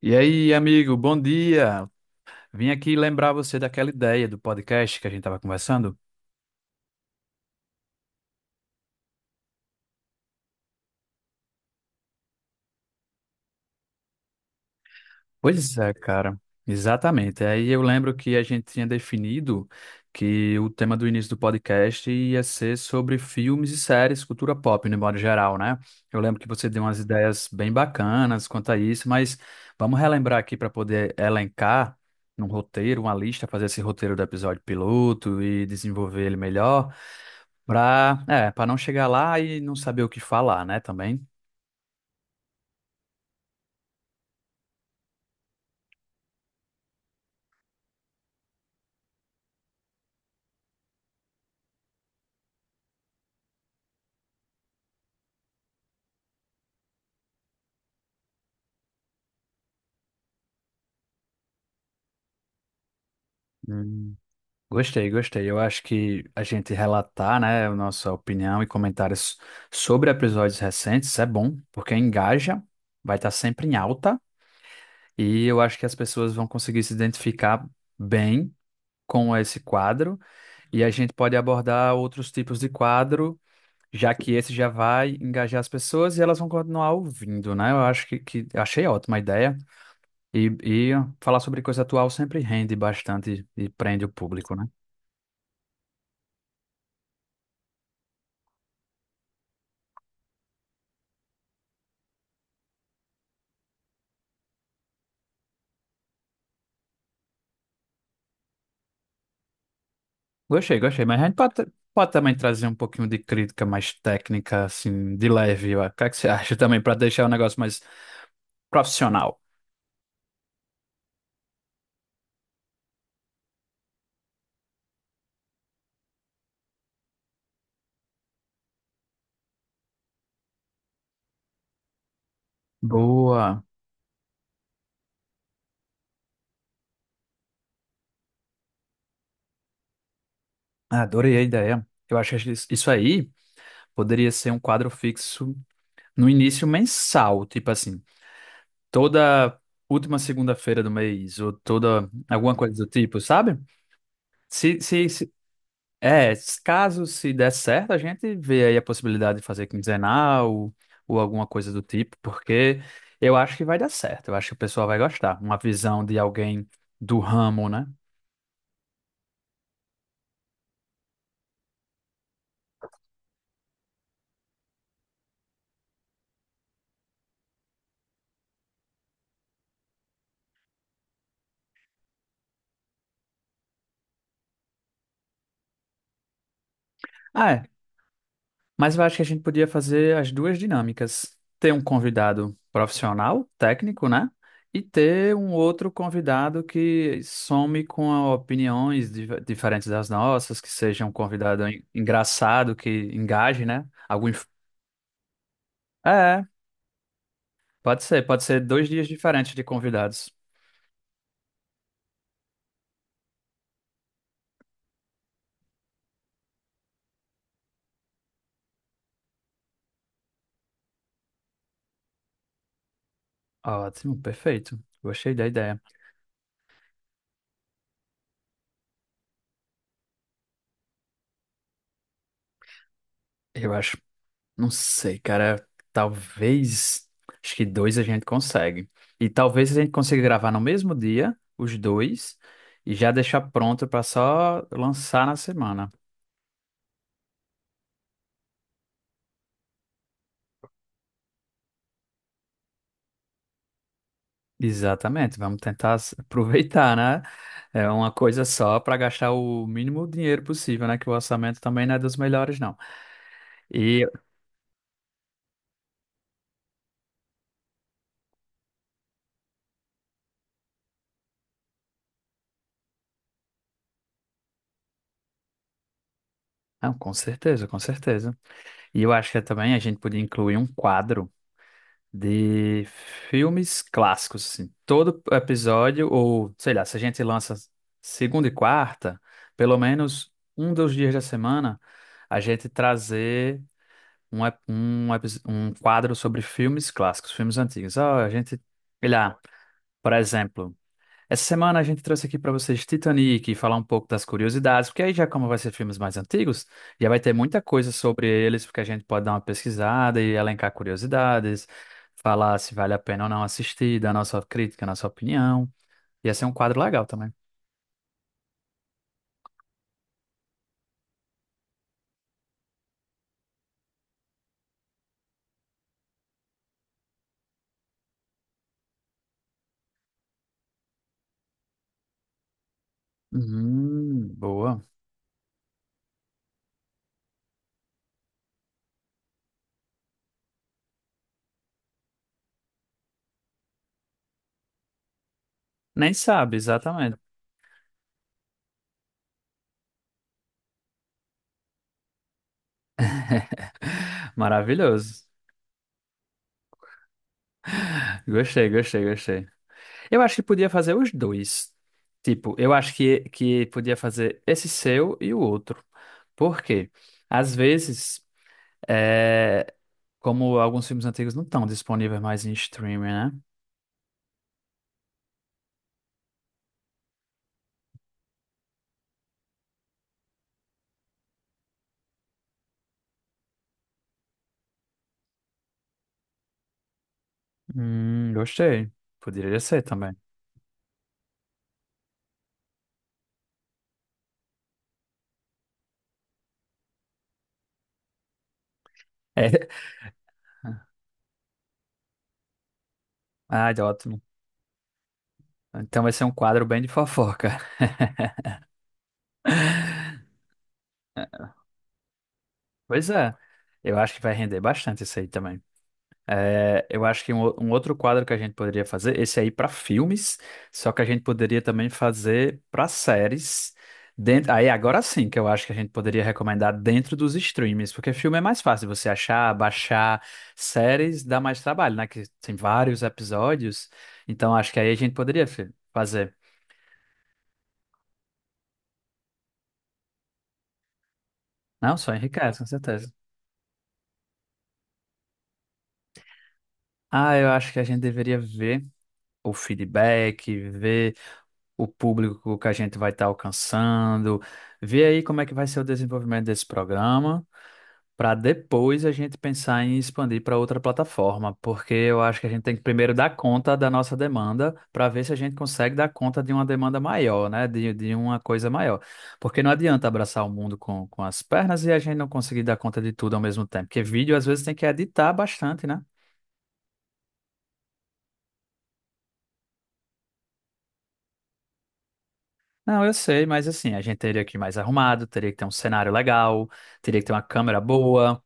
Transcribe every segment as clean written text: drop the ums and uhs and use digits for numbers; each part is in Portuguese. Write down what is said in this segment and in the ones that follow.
E aí, amigo, bom dia. Vim aqui lembrar você daquela ideia do podcast que a gente estava conversando. Pois é, cara, exatamente. Aí eu lembro que a gente tinha definido que o tema do início do podcast ia ser sobre filmes e séries, cultura pop, no modo geral, né? Eu lembro que você deu umas ideias bem bacanas quanto a isso, mas vamos relembrar aqui para poder elencar num roteiro, uma lista, fazer esse roteiro do episódio piloto e desenvolver ele melhor, para não chegar lá e não saber o que falar, né, também. Gostei, gostei. Eu acho que a gente relatar, né, a nossa opinião e comentários sobre episódios recentes é bom, porque engaja, vai estar sempre em alta, e eu acho que as pessoas vão conseguir se identificar bem com esse quadro, e a gente pode abordar outros tipos de quadro, já que esse já vai engajar as pessoas e elas vão continuar ouvindo, né? Eu acho que achei ótima a ideia, e falar sobre coisa atual sempre rende bastante e prende o público, né? Gostei, gostei, mas a gente pode também trazer um pouquinho de crítica mais técnica, assim, de leve, ó. O que é que você acha também, para deixar o negócio mais profissional? Boa, adorei a ideia. Eu acho que isso aí poderia ser um quadro fixo no início mensal, tipo assim, toda última segunda-feira do mês, ou toda alguma coisa do tipo, sabe? Se É, s- caso se der certo, a gente vê aí a possibilidade de fazer quinzenal, ou alguma coisa do tipo, porque eu acho que vai dar certo, eu acho que o pessoal vai gostar. Uma visão de alguém do ramo, né? Ah, mas eu acho que a gente podia fazer as duas dinâmicas: ter um convidado profissional, técnico, né? E ter um outro convidado que some com opiniões diferentes das nossas, que seja um convidado engraçado, que engaje, né? Algum. É. Pode ser 2 dias diferentes de convidados. Ótimo, perfeito. Gostei da ideia. Eu acho, não sei, cara, talvez, acho que dois a gente consegue. E talvez a gente consiga gravar no mesmo dia, os dois, e já deixar pronto para só lançar na semana. Exatamente, vamos tentar aproveitar, né? É uma coisa só para gastar o mínimo dinheiro possível, né? Que o orçamento também não é dos melhores, não. E, não, com certeza, com certeza. E eu acho que também a gente podia incluir um quadro de filmes clássicos, assim. Todo episódio, ou sei lá, se a gente lança segunda e quarta, pelo menos um dos dias da semana, a gente trazer um quadro sobre filmes clássicos, filmes antigos. Ah, a gente, sei lá, por exemplo. Essa semana a gente trouxe aqui para vocês Titanic e falar um pouco das curiosidades, porque aí já como vai ser filmes mais antigos, já vai ter muita coisa sobre eles, porque a gente pode dar uma pesquisada e elencar curiosidades, falar se vale a pena ou não assistir, dar nossa crítica, nossa opinião. Ia ser um quadro legal também. Boa. Nem sabe, exatamente. Maravilhoso. Gostei, gostei, gostei. Eu acho que podia fazer os dois. Tipo, eu acho que podia fazer esse seu e o outro. Por quê? Às vezes, é, como alguns filmes antigos não estão disponíveis mais em streaming, né? Gostei. Poderia ser também. É. Ah, ótimo. Então vai ser um quadro bem de fofoca. Pois é. Eu acho que vai render bastante isso aí também. É, eu acho que um, um outro quadro que a gente poderia fazer, esse aí para filmes, só que a gente poderia também fazer para séries. Dentro, aí agora sim que eu acho que a gente poderia recomendar dentro dos streams, porque filme é mais fácil você achar, baixar, séries dá mais trabalho, né? Que tem vários episódios, então acho que aí a gente poderia fazer. Não, só enriquece, com certeza. Ah, eu acho que a gente deveria ver o feedback, ver o público que a gente vai estar alcançando, ver aí como é que vai ser o desenvolvimento desse programa, para depois a gente pensar em expandir para outra plataforma, porque eu acho que a gente tem que primeiro dar conta da nossa demanda, para ver se a gente consegue dar conta de uma demanda maior, né? De uma coisa maior. Porque não adianta abraçar o mundo com as pernas e a gente não conseguir dar conta de tudo ao mesmo tempo, porque vídeo às vezes tem que editar bastante, né? Não, eu sei, mas assim, a gente teria que ir mais arrumado, teria que ter um cenário legal, teria que ter uma câmera boa.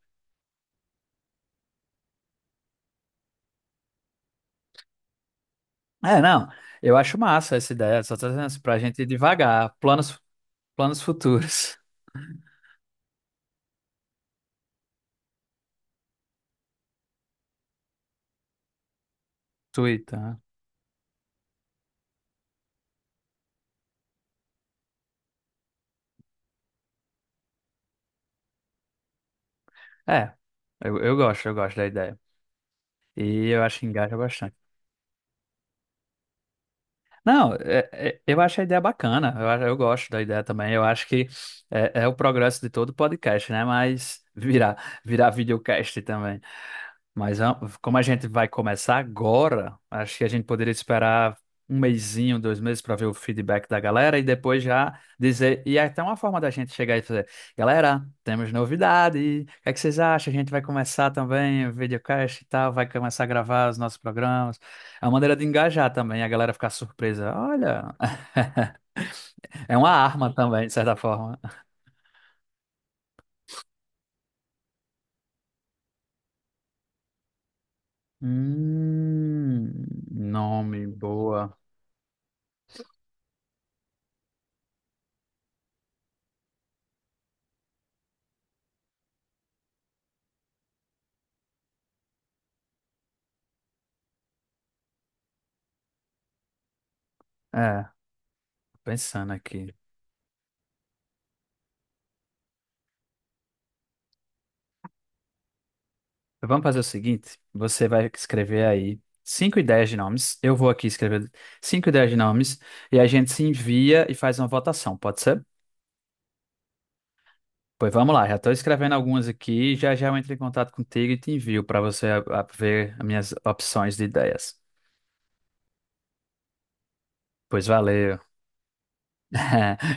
É, não. Eu acho massa essa ideia. Só tô dizendo assim, pra gente ir devagar. Planos, planos futuros. Twitter, né? É, eu gosto da ideia. E eu acho que engaja bastante. Não, eu acho a ideia bacana. Eu, eu gosto da ideia também. Eu acho que é o progresso de todo podcast, né? Mas virar videocast também. Mas como a gente vai começar agora, acho que a gente poderia esperar um mesinho, 2 meses para ver o feedback da galera e depois já dizer. E é até uma forma da gente chegar e fazer: galera, temos novidade. O que é que vocês acham? A gente vai começar também o videocast e tal, vai começar a gravar os nossos programas. É uma maneira de engajar também, a galera ficar surpresa. Olha, é uma arma também, de certa forma. Hum, nome boa. É, pensando aqui. Vamos fazer o seguinte: você vai escrever aí 5 ideias de nomes. Eu vou aqui escrever 5 ideias de nomes e a gente se envia e faz uma votação, pode ser? Pois vamos lá, já estou escrevendo algumas aqui. Já já eu entro em contato contigo e te envio para você ver as minhas opções de ideias. Pois valeu.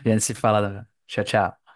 A gente se fala. Tchau, tchau.